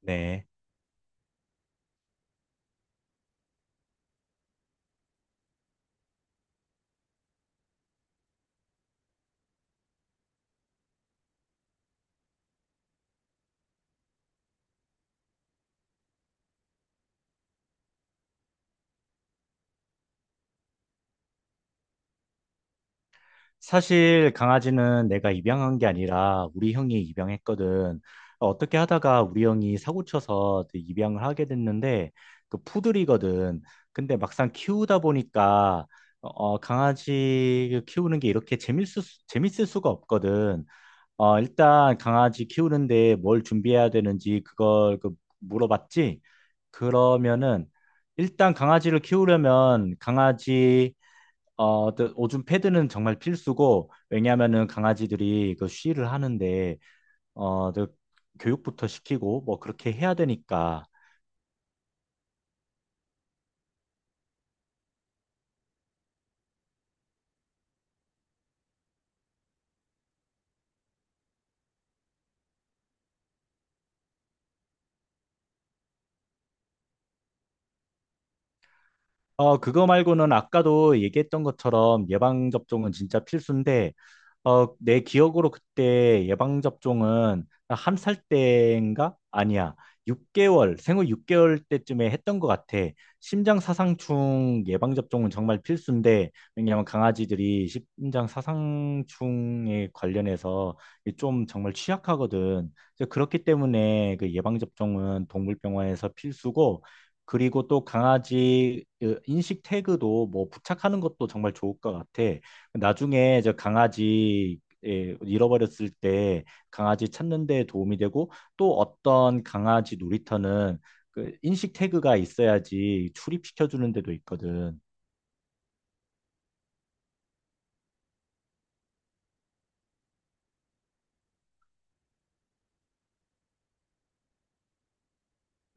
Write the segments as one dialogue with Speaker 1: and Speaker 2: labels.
Speaker 1: 네. 사실 강아지는 내가 입양한 게 아니라 우리 형이 입양했거든. 어떻게 하다가 우리 형이 사고 쳐서 그 입양을 하게 됐는데 그 푸들이거든. 근데 막상 키우다 보니까 강아지 키우는 게 재밌을 수가 없거든. 일단 강아지 키우는데 뭘 준비해야 되는지 그걸 물어봤지? 그러면은 일단 강아지를 키우려면 또 오줌 패드는 정말 필수고, 왜냐면은 하 강아지들이 그 쉬를 하는데, 어, 또 교육부터 시키고, 뭐 그렇게 해야 되니까. 그거 말고는 아까도 얘기했던 것처럼 예방접종은 진짜 필수인데, 내 기억으로 그때 예방접종은 한 살 때인가? 아니야. 6개월, 생후 6개월 때쯤에 했던 것 같아. 심장사상충 예방접종은 정말 필수인데, 왜냐하면 강아지들이 심장사상충에 관련해서 좀 정말 취약하거든. 그래서 그렇기 때문에 그 예방접종은 동물병원에서 필수고, 그리고 또 강아지 그 인식 태그도 뭐 부착하는 것도 정말 좋을 것 같아. 나중에 저 강아지 예, 잃어버렸을 때 강아지 찾는 데 도움이 되고 또 어떤 강아지 놀이터는 그 인식 태그가 있어야지 출입시켜 주는 데도 있거든.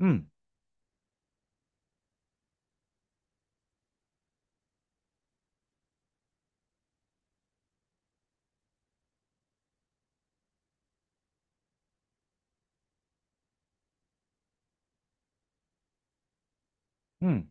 Speaker 1: 음, 음.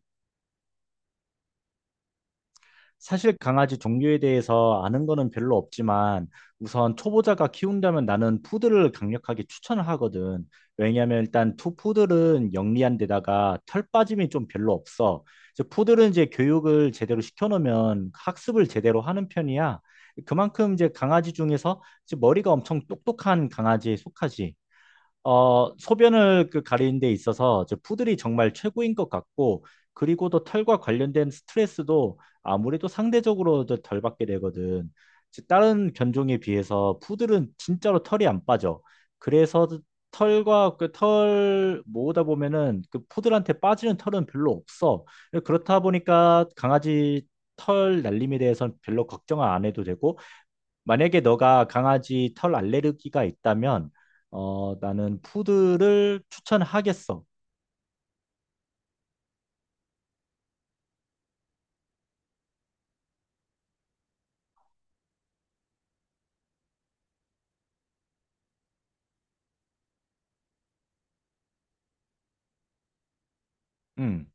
Speaker 1: 사실 강아지 종류에 대해서 아는 거는 별로 없지만 우선 초보자가 키운다면 나는 푸들을 강력하게 추천을 하거든. 왜냐하면 일단 투 푸들은 영리한 데다가 털 빠짐이 좀 별로 없어. 이제 푸들은 교육을 제대로 시켜놓으면 학습을 제대로 하는 편이야. 그만큼 이제 강아지 중에서 이제 머리가 엄청 똑똑한 강아지에 속하지. 소변을 그 가리는 데 있어서 저 푸들이 정말 최고인 것 같고, 그리고 또 털과 관련된 스트레스도 아무래도 상대적으로 더덜 받게 되거든. 즉, 다른 견종에 비해서 푸들은 진짜로 털이 안 빠져. 그래서 털과 그 털 모으다 보면은 그 푸들한테 빠지는 털은 별로 없어. 그렇다 보니까 강아지 털 날림에 대해서는 별로 걱정을 안 해도 되고, 만약에 너가 강아지 털 알레르기가 있다면, 나는 푸드를 추천하겠어. 응,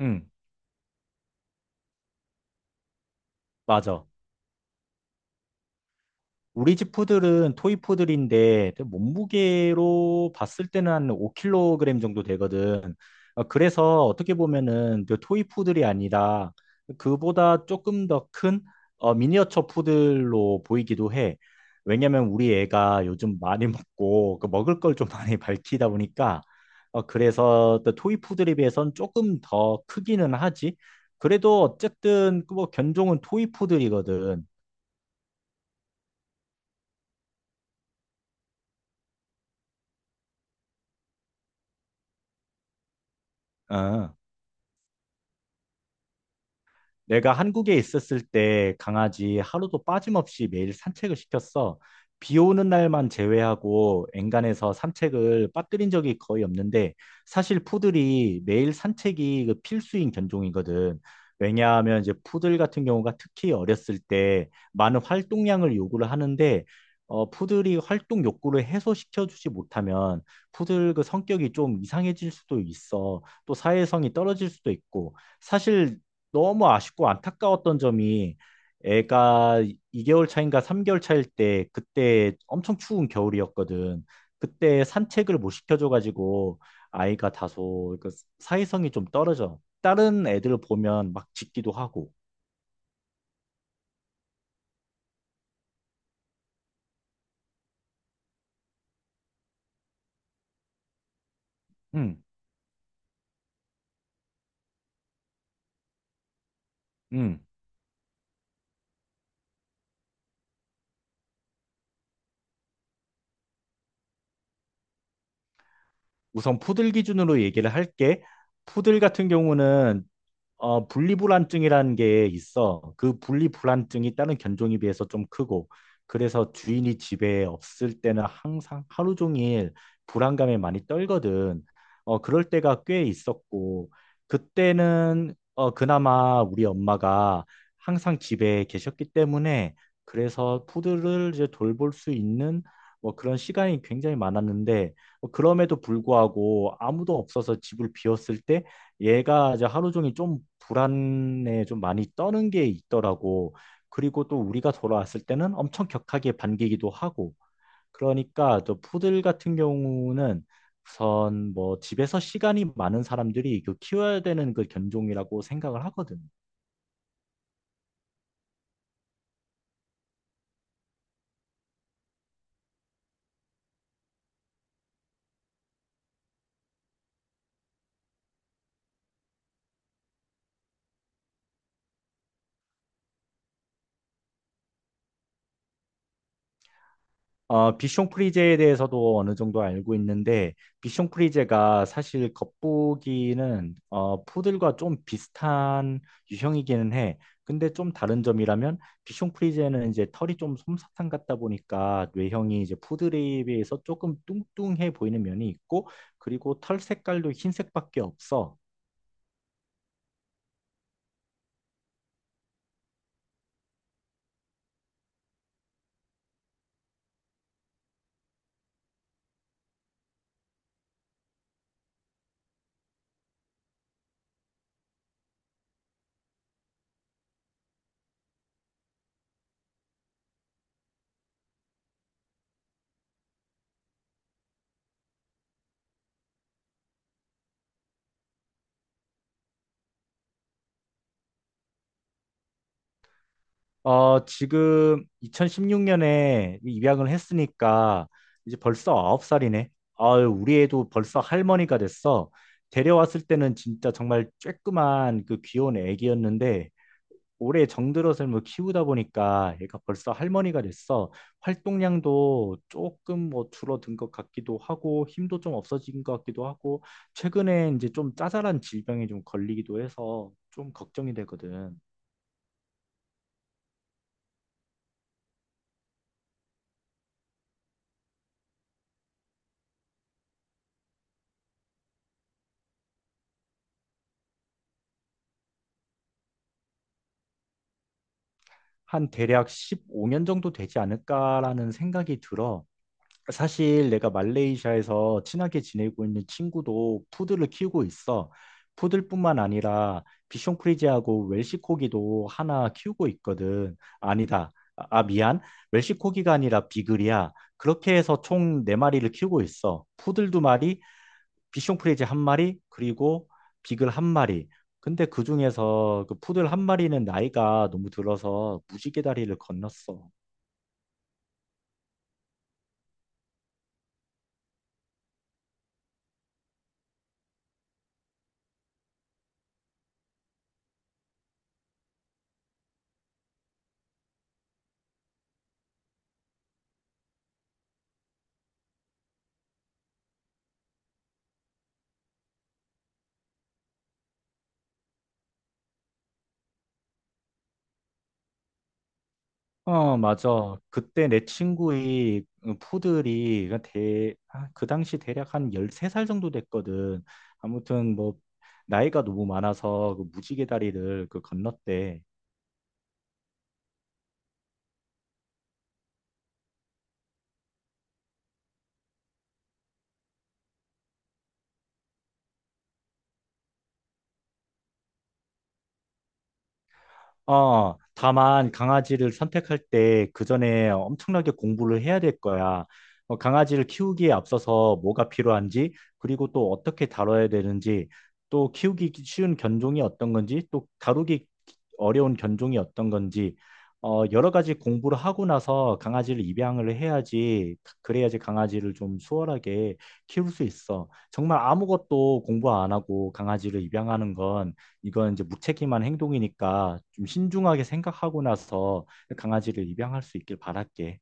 Speaker 1: 응, 맞아. 우리 집 푸들은 토이 푸들인데 몸무게로 봤을 때는 한 5kg 정도 되거든. 그래서 어떻게 보면은 그 토이 푸들이 아니라 그보다 조금 더 큰 미니어처 푸들로 보이기도 해. 왜냐면 우리 애가 요즘 많이 먹고 그 먹을 걸 좀 많이 밝히다 보니까 그래서 또 토이 푸들에 비해선 조금 더 크기는 하지. 그래도 어쨌든 그뭐 견종은 토이 푸들이거든. 어. 내가 한국에 있었을 때 강아지 하루도 빠짐없이 매일 산책을 시켰어. 비 오는 날만 제외하고 엔간해서 산책을 빠뜨린 적이 거의 없는데 사실 푸들이 매일 산책이 그 필수인 견종이거든. 왜냐하면 이제 푸들 같은 경우가 특히 어렸을 때 많은 활동량을 요구를 하는데 푸들이 활동 욕구를 해소시켜주지 못하면 푸들 그 성격이 좀 이상해질 수도 있어. 또 사회성이 떨어질 수도 있고 사실 너무 아쉽고 안타까웠던 점이 애가 2개월 차인가 3개월 차일 때 그때 엄청 추운 겨울이었거든. 그때 산책을 못 시켜줘가지고 아이가 다소 그 사회성이 좀 떨어져. 다른 애들 보면 막 짖기도 하고. 음, 음. 우선 푸들 기준으로 얘기를 할게. 푸들 같은 경우는 분리불안증이라는 게 있어. 그 분리불안증이 다른 견종에 비해서 좀 크고, 그래서 주인이 집에 없을 때는 항상 하루 종일 불안감에 많이 떨거든. 그럴 때가 꽤 있었고, 그때는 그나마 우리 엄마가 항상 집에 계셨기 때문에, 그래서 푸드를 이제 돌볼 수 있는 뭐 그런 시간이 굉장히 많았는데, 그럼에도 불구하고 아무도 없어서 집을 비웠을 때, 얘가 이제 하루 종일 좀 불안에 좀 많이 떠는 게 있더라고. 그리고 또 우리가 돌아왔을 때는 엄청 격하게 반기기도 하고. 그러니까 저 푸들 같은 경우는 우선 뭐 집에서 시간이 많은 사람들이 그 키워야 되는 그 견종이라고 생각을 하거든. 비숑 프리제에 대해서도 어느 정도 알고 있는데, 비숑 프리제가 사실 겉보기는 푸들과 좀 비슷한 유형이기는 해. 근데 좀 다른 점이라면, 비숑 프리제는 이제 털이 좀 솜사탕 같다 보니까 뇌형이 이제 푸들에 비해서 조금 뚱뚱해 보이는 면이 있고, 그리고 털 색깔도 흰색밖에 없어. 지금 2016년에 입양을 했으니까 이제 벌써 9살이네. 아유, 우리 애도 벌써 할머니가 됐어. 데려왔을 때는 진짜 정말 쬐끄만 그 귀여운 애기였는데 올해 정들어서 뭐 키우다 보니까 얘가 벌써 할머니가 됐어. 활동량도 조금 뭐 줄어든 것 같기도 하고 힘도 좀 없어진 것 같기도 하고 최근에 이제 좀 짜잘한 질병에 좀 걸리기도 해서 좀 걱정이 되거든. 한 대략 15년 정도 되지 않을까라는 생각이 들어. 사실 내가 말레이시아에서 친하게 지내고 있는 친구도 푸드를 키우고 있어. 푸들뿐만 아니라 비숑크리지하고 웰시코기도 하나 키우고 있거든. 아니다. 미안. 웰시코기가 아니라 비글이야. 그렇게 해서 총 네마리를 키우고 있어. 푸들 두마리 비숑 프리즈 한 마리, 그리고 비글 한 마리. 근데 그 중에서 그 푸들 한 마리는 나이가 너무 들어서 무지개 다리를 건넜어. 맞아. 그때 내 친구의 그 푸들이 그 당시 대략 한 13살 정도 됐거든. 아무튼 뭐 나이가 너무 많아서 그 무지개 다리를 그 건넜대. 다만 강아지를 선택할 때 그 전에 엄청나게 공부를 해야 될 거야. 강아지를 키우기에 앞서서 뭐가 필요한지, 그리고 또 어떻게 다뤄야 되는지, 또 키우기 쉬운 견종이 어떤 건지, 또 다루기 어려운 견종이 어떤 건지, 여러 가지 공부를 하고 나서 강아지를 입양을 해야지, 그래야지 강아지를 좀 수월하게 키울 수 있어. 정말 아무것도 공부 안 하고 강아지를 입양하는 건 이건 이제 무책임한 행동이니까 좀 신중하게 생각하고 나서 강아지를 입양할 수 있길 바랄게.